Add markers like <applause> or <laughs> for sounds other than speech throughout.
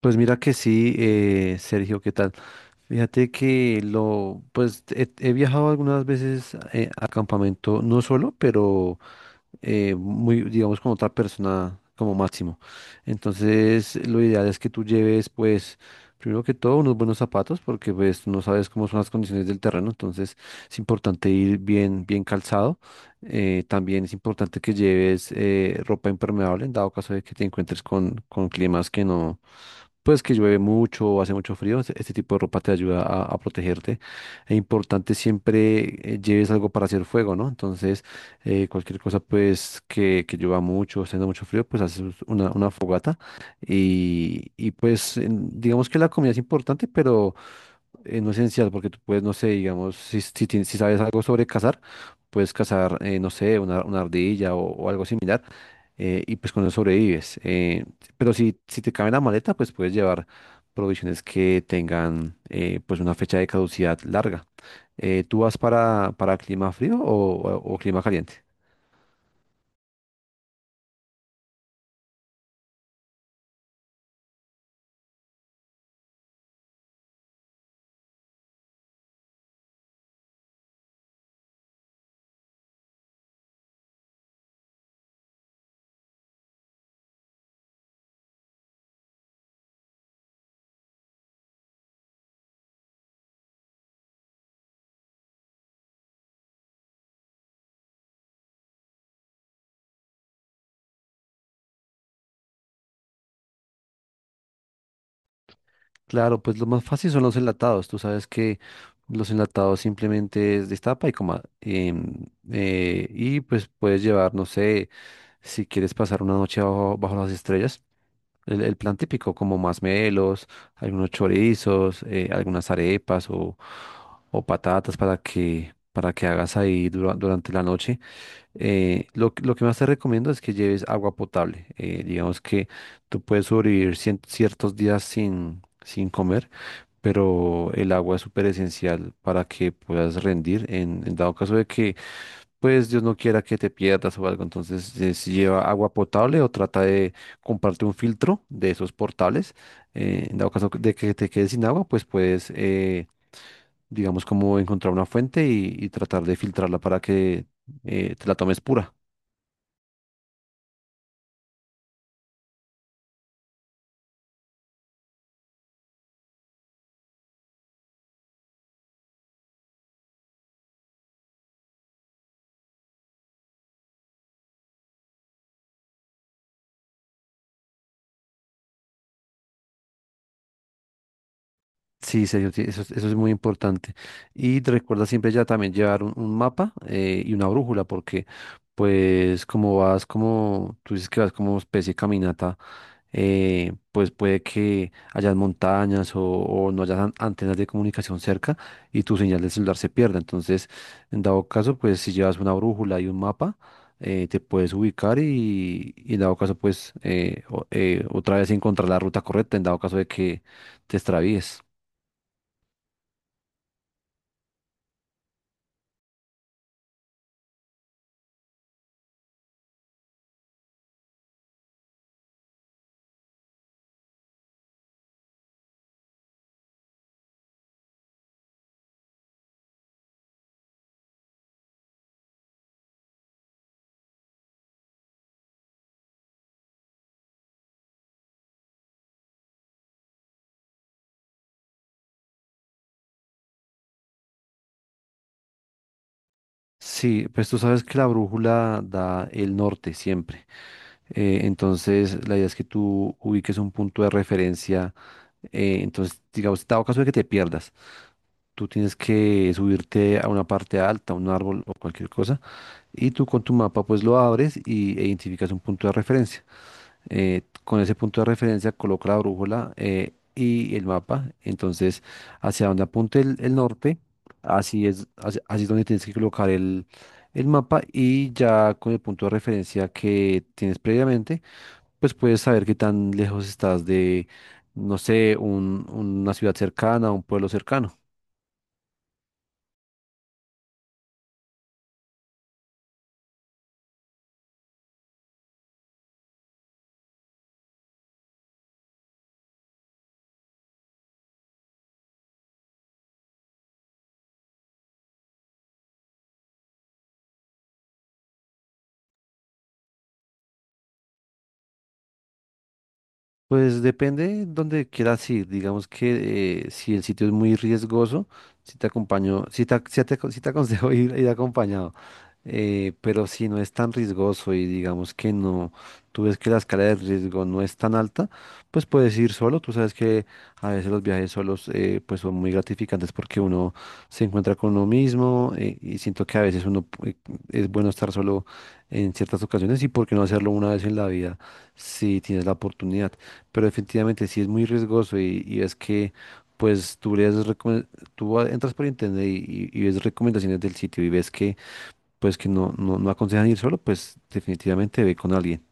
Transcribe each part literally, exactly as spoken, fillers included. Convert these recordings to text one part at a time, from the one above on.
Pues mira que sí, eh, Sergio, ¿qué tal? Fíjate que lo, pues he, he viajado algunas veces eh, a campamento, no solo, pero eh, muy, digamos, con otra persona como máximo. Entonces, lo ideal es que tú lleves, pues, primero que todo, unos buenos zapatos, porque pues no sabes cómo son las condiciones del terreno, entonces es importante ir bien, bien calzado. Eh, también es importante que lleves eh, ropa impermeable en dado caso de que te encuentres con, con climas que no pues que llueve mucho o hace mucho frío, este este tipo de ropa te ayuda a, a protegerte. Es importante siempre eh, lleves algo para hacer fuego, ¿no? Entonces, eh, cualquier cosa pues que, que llueva mucho, o haciendo mucho frío, pues haces una, una fogata y, y pues en- digamos que la comida es importante, pero eh, no esencial, porque tú puedes, no sé, digamos, si, si, tienes- si sabes algo sobre cazar, puedes cazar, eh, no sé, una, una ardilla o, o algo similar, eh, y pues con eso sobrevives. Eh, pero si, si te cabe en la maleta, pues puedes llevar provisiones que tengan eh, pues una fecha de caducidad larga. Eh, ¿tú vas para, para clima frío o, o o clima caliente? Claro, pues lo más fácil son los enlatados. Tú sabes que los enlatados simplemente es destapa y coma. Em, eh, y pues puedes llevar, no sé, si quieres pasar una noche bajo, bajo las estrellas, el, el plan típico, como masmelos, algunos chorizos, eh, algunas arepas o, o patatas para que, para que hagas ahí dura- durante la noche. Eh, lo, que- lo que más te recomiendo es que lleves agua potable. Eh, digamos que tú puedes sobrevivir cien- ciertos días sin, sin comer, pero el agua es súper esencial para que puedas rendir en, en dado caso de que, pues Dios no quiera que te pierdas o algo. Entonces, eh, si lleva agua potable o trata de comprarte un filtro de esos portables, eh, en dado caso de que te quedes sin agua, pues puedes, eh, digamos, como encontrar una fuente y, y tratar de filtrarla para que eh, te la tomes pura. Sí, serio, sí, eso, es- eso es muy importante. Y te recuerda siempre ya también llevar un, un mapa eh, y una brújula, porque pues como vas como, tú dices que vas como especie de caminata, eh, pues puede que hayan montañas o, o no hayan antenas de comunicación cerca y tu señal de celular se pierda. Entonces, en dado caso, pues si llevas una brújula y un mapa, eh, te puedes ubicar y, y en dado caso, pues eh, o- eh, otra vez encontrar la ruta correcta, en dado caso de que te extravíes. Sí, pues tú sabes que la brújula da el norte siempre. Eh, entonces, la idea es que tú ubiques un punto de referencia. Eh, entonces, digamos, dado caso de que te pierdas, tú tienes que subirte a una parte alta, un árbol o cualquier cosa, y tú con tu mapa pues lo abres y e identificas un punto de referencia. Eh, con ese punto de referencia coloca la brújula eh, y el mapa. Entonces, hacia donde apunte el, el norte, así es, así, así es donde tienes que colocar el, el mapa, y ya con el punto de referencia que tienes previamente, pues puedes saber qué tan lejos estás de, no sé, un- una ciudad cercana, un pueblo cercano. Pues depende donde quieras ir. Digamos que eh, si el sitio es muy riesgoso, si te acompaño, si te, si te, si te aconsejo <laughs> ir, ir acompañado. Eh, pero si no es tan riesgoso y digamos que no, tú ves que la escala de riesgo no es tan alta, pues puedes ir solo. Tú sabes que a veces los viajes solos eh, pues son muy gratificantes porque uno se encuentra con uno mismo, eh, y siento que a veces uno pu- eh, es bueno estar solo en ciertas ocasiones, y por qué no hacerlo una vez en la vida si tienes la oportunidad. Pero definitivamente si es muy riesgoso y, y ves que pues tú, lees recome- tú entras por internet y y- y ves recomendaciones del sitio y ves que pues que no, no, no aconsejan ir solo, pues definitivamente ve con alguien.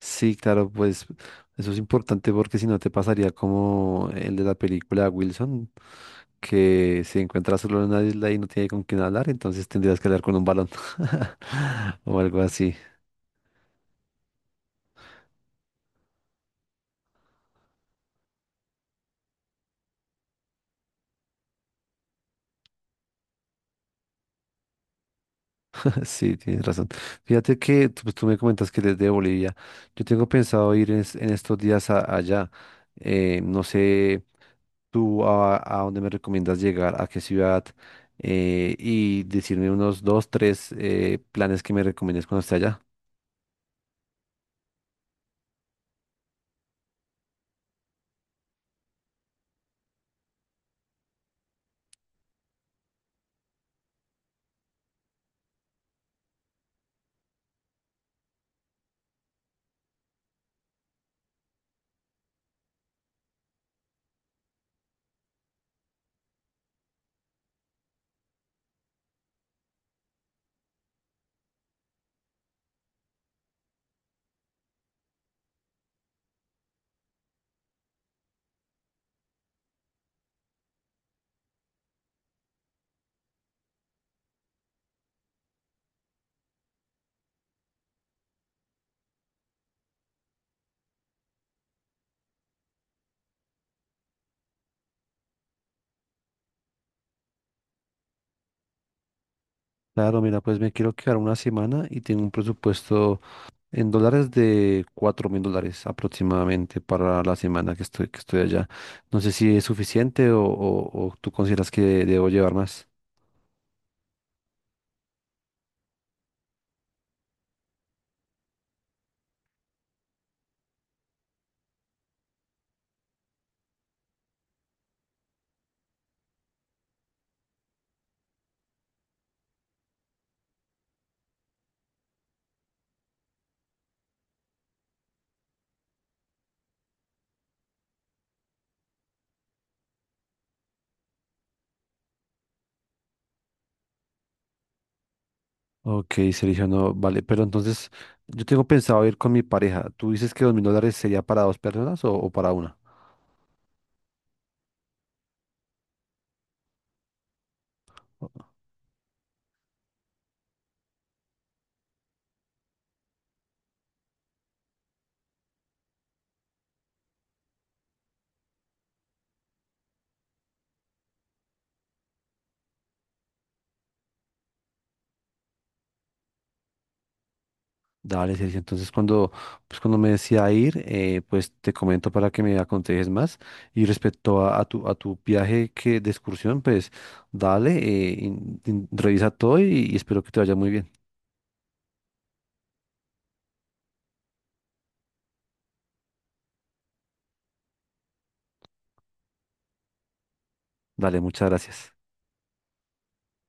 Sí, claro, pues eso es importante porque si no te pasaría como el de la película Wilson, que se encuentra solo en una isla y no tiene con quién hablar, entonces tendrías que hablar con un balón <laughs> o algo así. <laughs> Sí, tienes razón. Fíjate que tú, pues, tú me comentas que eres de Bolivia. Yo tengo pensado ir en, es- en estos días a- allá. Eh, no sé tú a, a dónde me recomiendas llegar, a qué ciudad, eh, y decirme unos dos, tres eh, planes que me recomiendes cuando esté allá. Claro, mira, pues me quiero quedar una semana y tengo un presupuesto en dólares de cuatro mil dólares aproximadamente para la semana que estoy, que estoy allá. No sé si es suficiente o, o o tú consideras que debo llevar más. Ok, seleccionó, vale, pero entonces yo tengo pensado ir con mi pareja. ¿Tú dices que dos mil dólares sería para dos personas o, o para una? Dale, Sergio. Entonces, cuando, pues, cuando me decía ir, eh, pues te comento para que me aconsejes más. Y respecto a, a tu, a tu viaje que, de excursión, pues dale, eh, in- in- revisa todo y y espero que te vaya muy bien. Dale, muchas gracias.